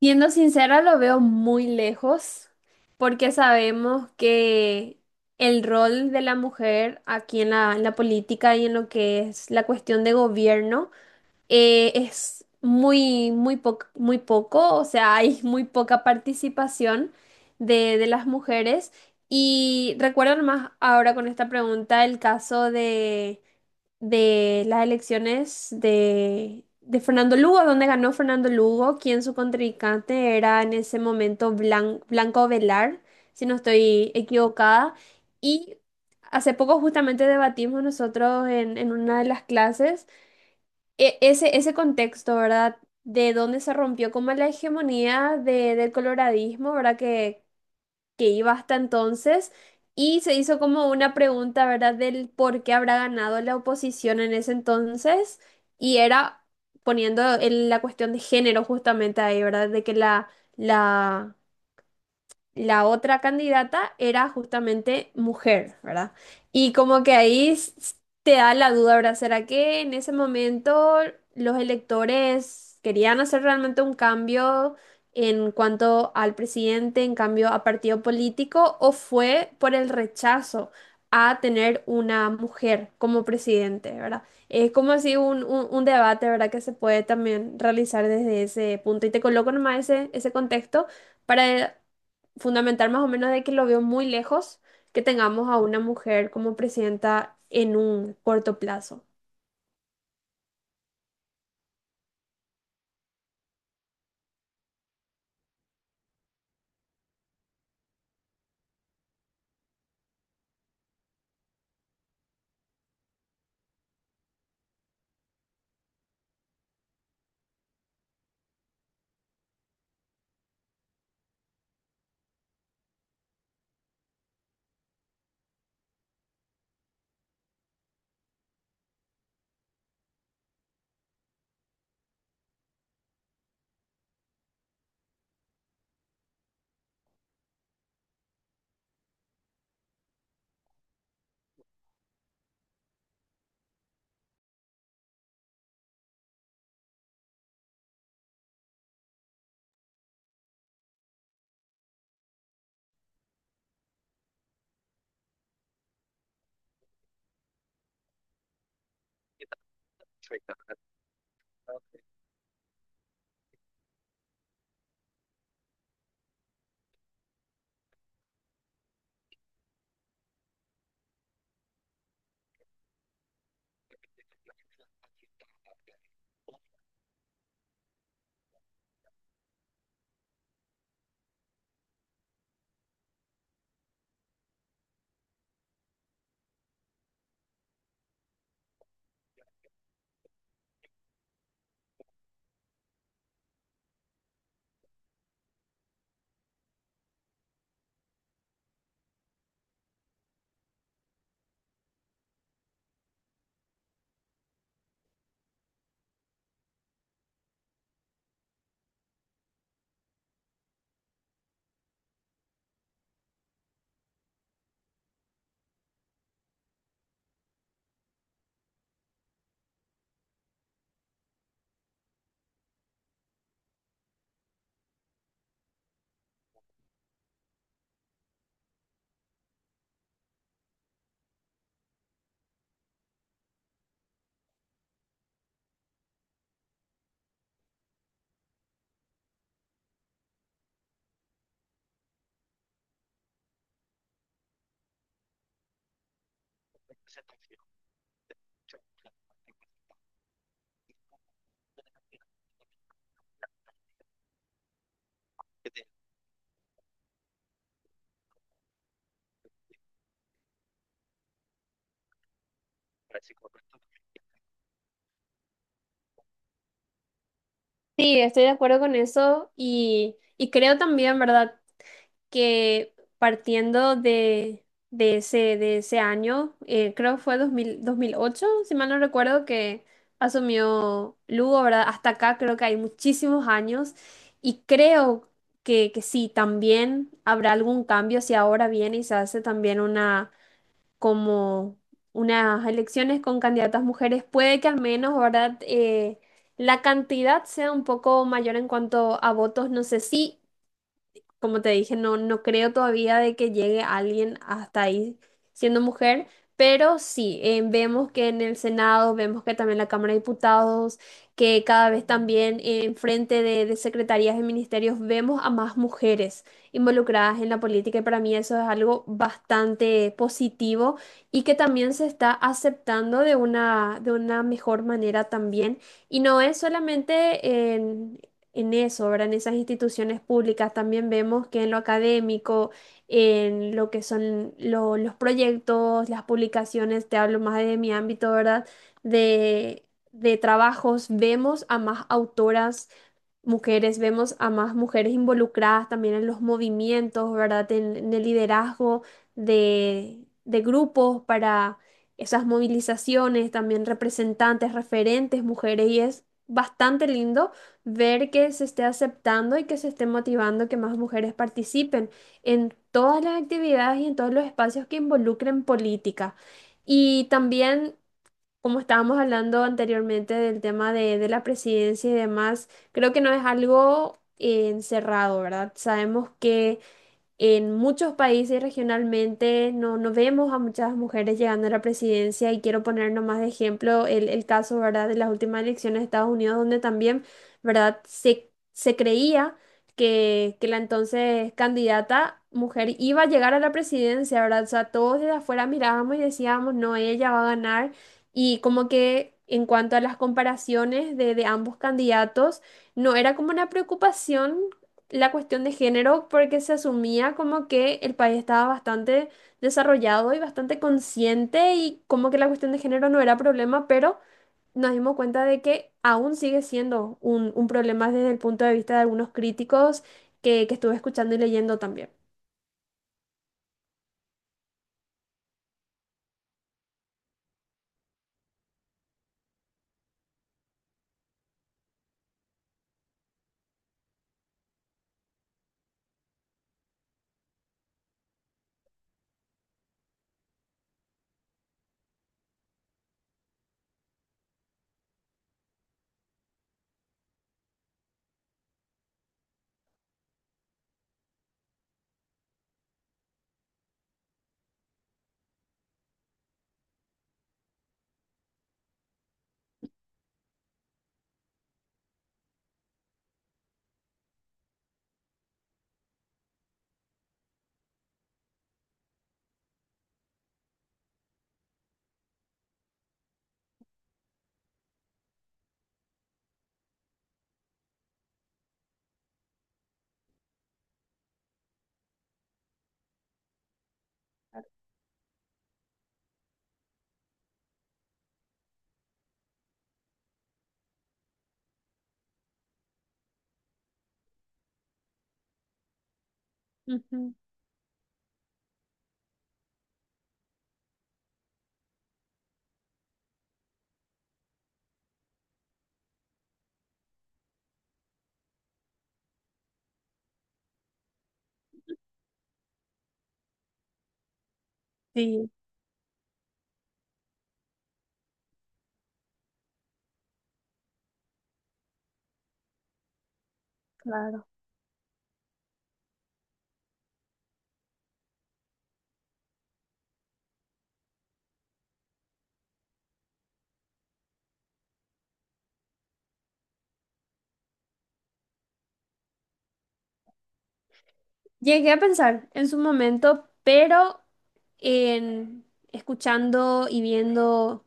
Siendo sincera, lo veo muy lejos porque sabemos que el rol de la mujer aquí en la política y en lo que es la cuestión de gobierno es muy, muy poco, o sea, hay muy poca participación de las mujeres. Y recuerdo más ahora con esta pregunta el caso de las elecciones de Fernando Lugo, donde ganó Fernando Lugo, quien su contrincante era en ese momento Blanco Velar, si no estoy equivocada. Y hace poco justamente debatimos nosotros en una de las clases ese contexto, ¿verdad? De dónde se rompió como la hegemonía del coloradismo, ¿verdad?, que iba hasta entonces y se hizo como una pregunta, ¿verdad?, del por qué habrá ganado la oposición en ese entonces y era poniendo la cuestión de género justamente ahí, ¿verdad?, de que la la otra candidata era justamente mujer, ¿verdad? Y como que te da la duda, ¿verdad? ¿Será que en ese momento los electores querían hacer realmente un cambio en cuanto al presidente, en cambio a partido político, o fue por el rechazo a tener una mujer como presidente, ¿verdad? Es como así un debate, ¿verdad?, que se puede también realizar desde ese punto. Y te coloco nomás ese contexto para fundamental más o menos de que lo veo muy lejos que tengamos a una mujer como presidenta en un corto plazo. Sí, estoy de acuerdo con eso y creo también, ¿verdad?, que partiendo de ese año, creo que fue 2000, 2008, si mal no recuerdo, que asumió Lugo, ¿verdad? Hasta acá creo que hay muchísimos años y creo que sí, también habrá algún cambio si ahora viene y se hace también una como unas elecciones con candidatas mujeres, puede que al menos, ¿verdad? La cantidad sea un poco mayor en cuanto a votos. No sé si, como te dije, no, no creo todavía de que llegue alguien hasta ahí siendo mujer, pero sí, vemos que en el Senado, vemos que también la Cámara de Diputados, que cada vez también en frente de secretarías y ministerios vemos a más mujeres involucradas en la política, y para mí eso es algo bastante positivo y que también se está aceptando de de una mejor manera también. Y no es solamente en eso, ¿verdad? En esas instituciones públicas también vemos que en lo académico, en lo que son los proyectos, las publicaciones, te hablo más de mi ámbito, ¿verdad? De, de trabajos, vemos a más autoras mujeres, vemos a más mujeres involucradas también en los movimientos, ¿verdad? En el liderazgo de grupos para esas movilizaciones, también representantes, referentes, mujeres, y es bastante lindo ver que se esté aceptando y que se esté motivando que más mujeres participen en todas las actividades y en todos los espacios que involucren política. Y también, como estábamos hablando anteriormente del tema de la presidencia y demás, creo que no es algo encerrado, ¿verdad? Sabemos que en muchos países regionalmente no, no vemos a muchas mujeres llegando a la presidencia, y quiero poner nomás de ejemplo el caso, ¿verdad?, de las últimas elecciones de Estados Unidos, donde también, ¿verdad?, se creía que la entonces candidata mujer iba a llegar a la presidencia, ¿verdad? O sea, todos desde afuera mirábamos y decíamos, no, ella va a ganar. Y como que en cuanto a las comparaciones de ambos candidatos, no era como una preocupación la cuestión de género porque se asumía como que el país estaba bastante desarrollado y bastante consciente, y como que la cuestión de género no era problema, pero nos dimos cuenta de que aún sigue siendo un problema desde el punto de vista de algunos críticos que estuve escuchando y leyendo también. Ujú. Sí, claro. Llegué a pensar en su momento, pero en escuchando y viendo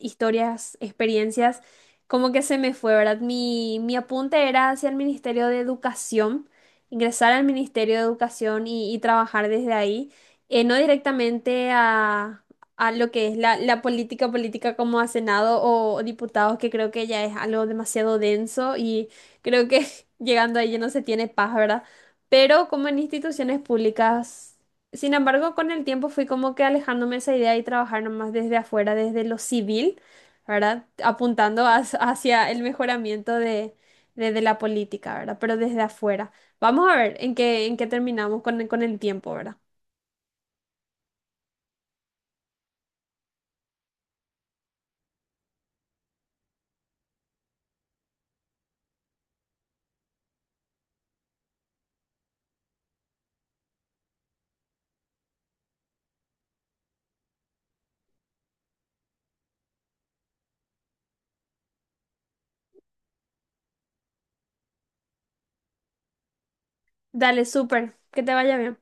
historias, experiencias, como que se me fue, ¿verdad? Mi apunte era hacia el Ministerio de Educación, ingresar al Ministerio de Educación y trabajar desde ahí, no directamente a lo que es la política política, como a Senado o diputados, que creo que ya es algo demasiado denso, y creo que llegando ahí ya no se tiene paz, ¿verdad? Pero como en instituciones públicas. Sin embargo, con el tiempo fui como que alejándome de esa idea y trabajar nomás desde afuera, desde lo civil, ¿verdad?, apuntando hacia hacia el mejoramiento de, de la política, ¿verdad? Pero desde afuera. Vamos a ver en qué terminamos con el tiempo, ¿verdad? Dale, súper, que te vaya bien.